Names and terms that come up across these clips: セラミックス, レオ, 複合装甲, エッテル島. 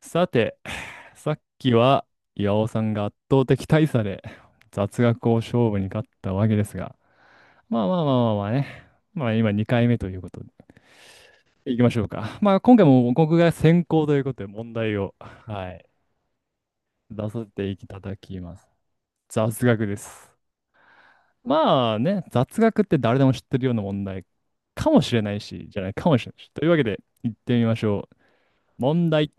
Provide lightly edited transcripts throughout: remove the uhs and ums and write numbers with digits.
さて、さっきは岩尾さんが圧倒的大差で雑学を勝負に勝ったわけですが、まあまあまあまあまあね、まあ、今2回目ということで、いきましょうか。まあ今回も僕が先行ということで問題を、はい、出させていただきます。雑学です。まあね、雑学って誰でも知ってるような問題かもしれないし、じゃないかもしれないし。というわけで、行ってみましょう。問題。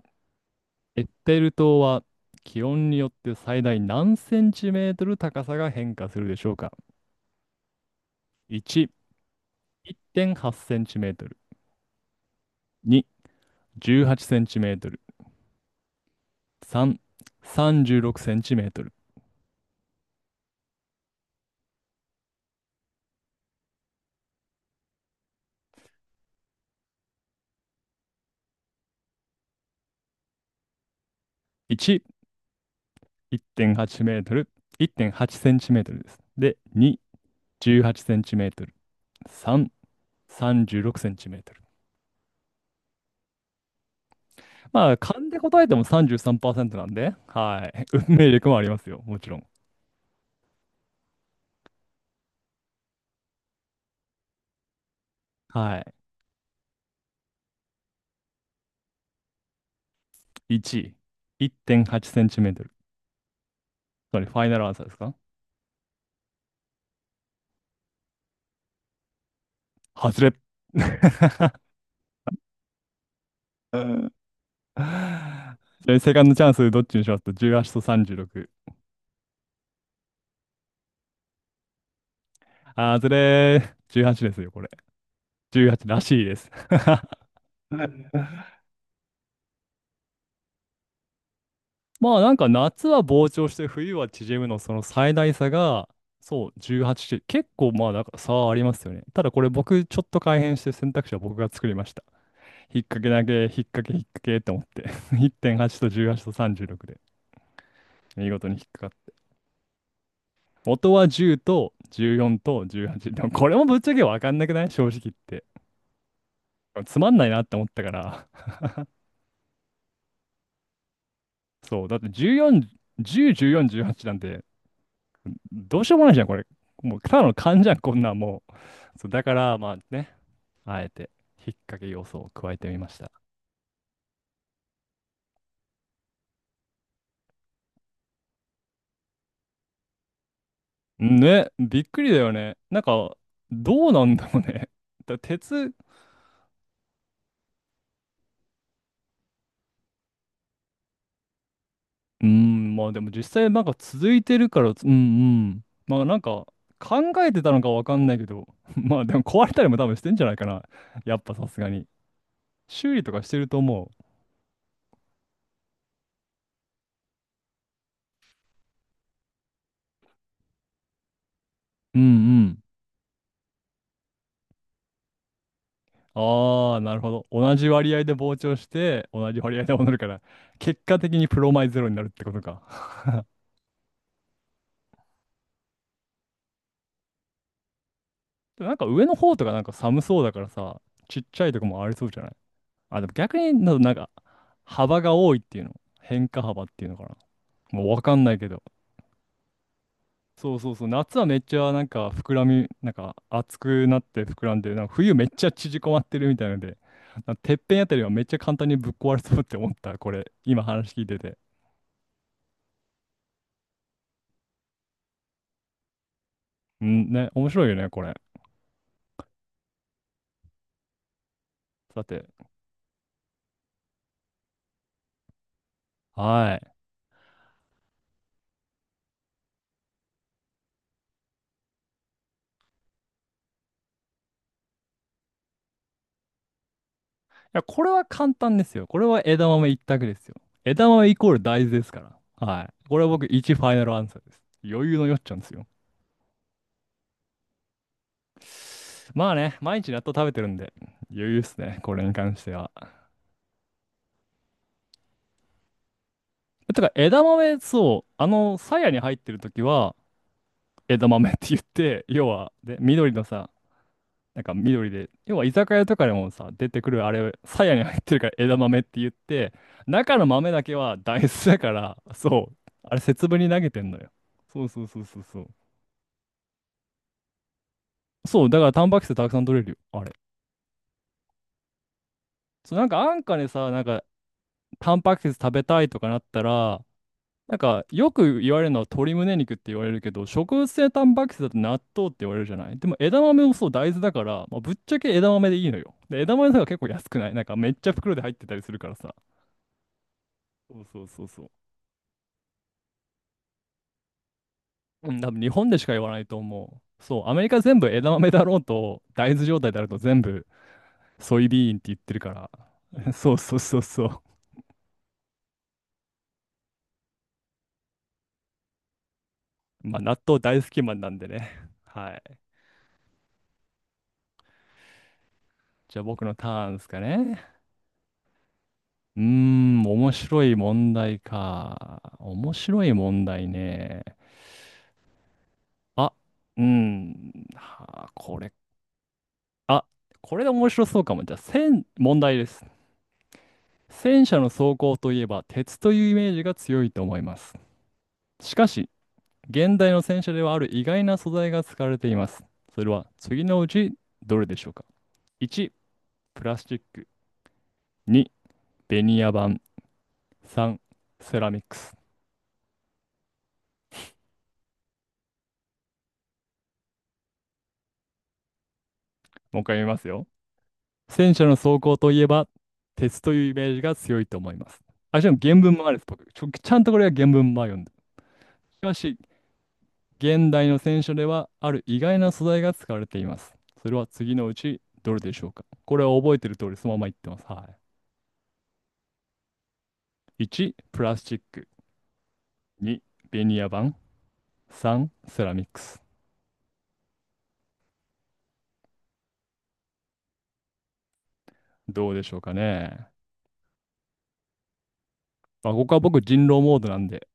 エッテル島は気温によって最大何センチメートル高さが変化するでしょうか？ 1、1.8センチメートル。2、18センチメートル。3、36センチメートル。1、1.8メートル。1.8センチメートルです。で、2、18センチメートル。3、36センチメートル。まあ、勘で答えても33%なんで、はい。運命力もありますよ、もちろん。はい。1、1.8センチメートル。それファイナルアンサーですか？外れ。じゃあセカンドチャンスどっちにしますと、18と36。あずれー。18ですよ、これ。18らしいです。まあ、なんか夏は膨張して冬は縮むの、その最大差が、そう、18って結構、まあ、なんか差はありますよね。ただ、これ僕ちょっと改変して選択肢は僕が作りました。引っ掛けって思って。1.8と18と36で見事に引っ掛か、元は10と14と18。でも、これもぶっちゃけわかんなくない、正直言って。つまんないなって思ったから。そう。だって、14、10、14、18なんて、どうしようもないじゃん、これ。もう、ただの勘じゃん、こんなんもう。そう、だから、まあね、あえて、引っ掛け要素を加えてみました。ね、びっくりだよね。なんか、どうなんだろうね。だ鉄、うーん、まあ、でも実際なんか続いてるからつ、うんうん。まあ、なんか考えてたのかわかんないけど、まあ、でも壊れたりも多分してんじゃないかな。やっぱさすがに。修理とかしてると思う。うんうん。ああ、なるほど。同じ割合で膨張して、同じ割合で戻るから、結果的にプロマイゼロになるってことか。でも、なんか上の方とかなんか寒そうだからさ、ちっちゃいとこもありそうじゃない？あ、でも逆にな、なんか幅が多いっていうの。変化幅っていうのかな。もうわかんないけど。そうそうそう、夏はめっちゃなんか膨らみ、なんか熱くなって膨らんで、なんか冬めっちゃ縮こまってるみたいので、なんかてっぺんあたりはめっちゃ簡単にぶっ壊れそうって思った、これ、今話聞いてて。うん、ね、面白いよね、これ。さて、はい。いや、これは簡単ですよ。これは枝豆一択ですよ。枝豆イコール大豆ですから。はい。これは僕1、ファイナルアンサーです。余裕のよっちゃんですよ。まあね、毎日納豆食べてるんで、余裕っすね、これに関しては。てか、枝豆、そう、あの、鞘に入ってる時は、枝豆って言って、要は、で、緑のさ、なんか緑で、要は居酒屋とかでもさ、出てくるあれ、鞘に入ってるから枝豆って言って、中の豆だけは大豆だから、そう、あれ節分に投げてんのよ。そうそうそうそうそう。そう、だからタンパク質たくさん取れるよ、あれ。そう、なんか安価でさ、なんか、タンパク質食べたいとかなったら、なんか、よく言われるのは鶏胸肉って言われるけど、植物性タンパク質だと納豆って言われるじゃない。でも、枝豆もそう、大豆だから、まあ、ぶっちゃけ枝豆でいいのよ。で、枝豆とか結構安くない？なんかめっちゃ袋で入ってたりするからさ。そうそうそうそう。うん、多分日本でしか言わないと思う。そう、アメリカ全部枝豆だろうと、大豆状態であると全部ソイビーンって言ってるから。そうそうそうそう。まあ納豆大好きマンなんでね。はい。じゃあ僕のターンですかね。うーん、面白い問題か。面白い問題ね。あ、うん、はあ、これ、あ、これで面白そうかも。じゃあ、戦、問題です。戦車の走行といえば、鉄というイメージが強いと思います。しかし、現代の戦車ではある意外な素材が使われています。それは次のうちどれでしょうか？ 1、プラスチック。2、ベニヤ板。3、セラミックス。もう一回見ますよ。戦車の装甲といえば、鉄というイメージが強いと思います。あ、しかも原文もあるんです。僕ちょ、ちゃんとこれは原文も読んで。しかし、現代の戦車では、ある意外な素材が使われています。それは次のうち、どれでしょうか？これは覚えてる通り、そのまま言ってます。はい。1、プラスチック。2、ベニヤ板。3、セラミックス。どうでしょうかね。まあ、ここは僕、人狼モードなんで、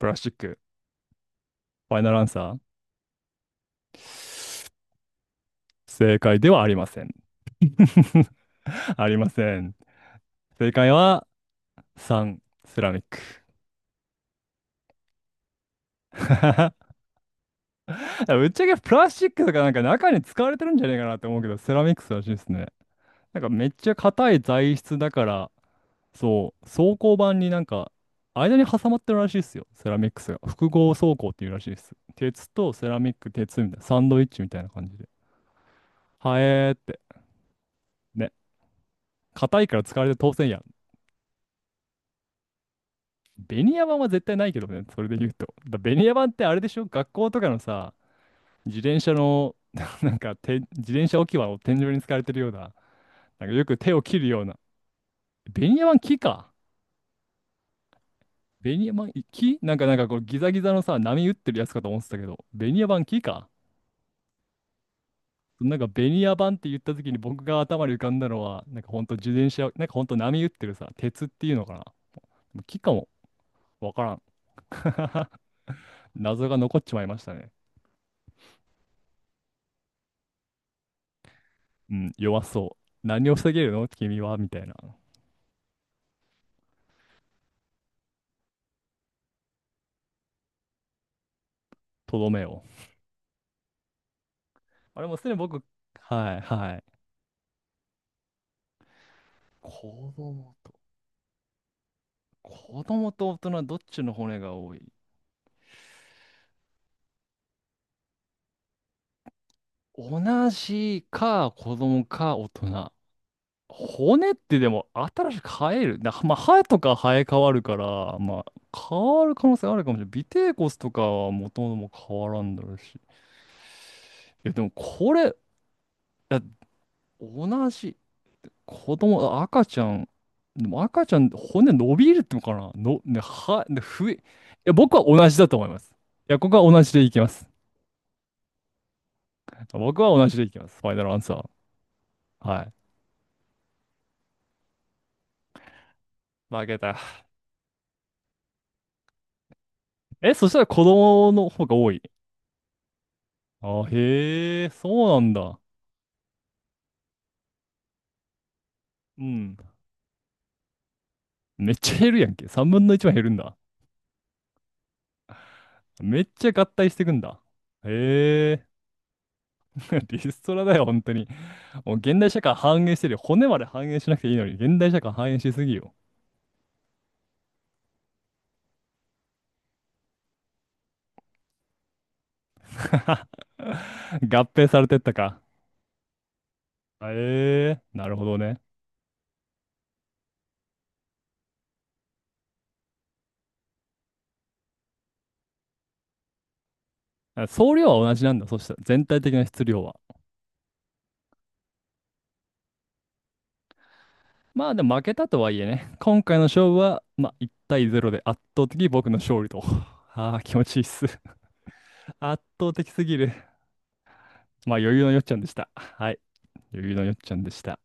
プラスチック、ファイナルアンサー。正解ではありません。ありません。正解は3、セラミック。ぶっちゃけプラスチックとかなんか中に使われてるんじゃねえかなって思うけど、セラミックスらしいですね。なんかめっちゃ硬い材質だから、そう、装甲板になんか間に挟まってるらしいですよ、セラミックスが。複合装甲っていうらしいです。鉄とセラミック、鉄みたいな、サンドイッチみたいな感じで。はえーって。ね、硬いから使われて当然や。ベニヤ板は絶対ないけどね、それで言うと。だベニヤ板ってあれでしょ？学校とかのさ、自転車の、なんかて、自転車置き場を天井に使われてるような、なんかよく手を切るような。ベニヤ板木か？ベニヤ板木なんか、なんかこうギザギザのさ、波打ってるやつかと思ってたけど、ベニヤ板木か？なんかベニヤ板って言った時に僕が頭に浮かんだのは、なんかほんと自転車、なんかほんと波打ってるさ、鉄っていうのかな木かも。わからん。謎が残っちまいましたね。うん、弱そう。何を防げるの君は、みたいな。とどめを。あれもうすでに僕、はいはい。子供と、子供と大人、どっちの骨が多い？同じか、子供か、大人。骨ってでも、新しく生える。な、まあ、歯とか生え変わるから、まあ、変わる可能性あるかもしれない。尾てい骨とかは元々も変わらんだろうし。いや、でもこれ、いや、同じ。子供、赤ちゃん、でも赤ちゃん、骨伸びるってのかなの、ね、は、ね、ふえ、いや、僕は同じだと思います。いや、ここは同じでいきます。僕は同じでいきます。ファイナルアンサー。はい。負けた。え、そしたら子供の方が多い。あ、へえ、そうなんだ。うん。めっちゃ減るやんけ。3分の1は減るんだ。めっちゃ合体してくんだ。へえ、リストラだよ、本当に。もう現代社会反映してるよ。骨まで反映しなくていいのに、現代社会反映しすぎよ。合併されてったか。ええー、なるほどね。総量は同じなんだ。そしたら全体的な質量は。まあ、でも負けたとはいえね、今回の勝負は、まあ1対0で圧倒的僕の勝利と。ああ、気持ちいいっす。圧倒的すぎる。まあ余裕のよっちゃんでした。はい。余裕のよっちゃんでした。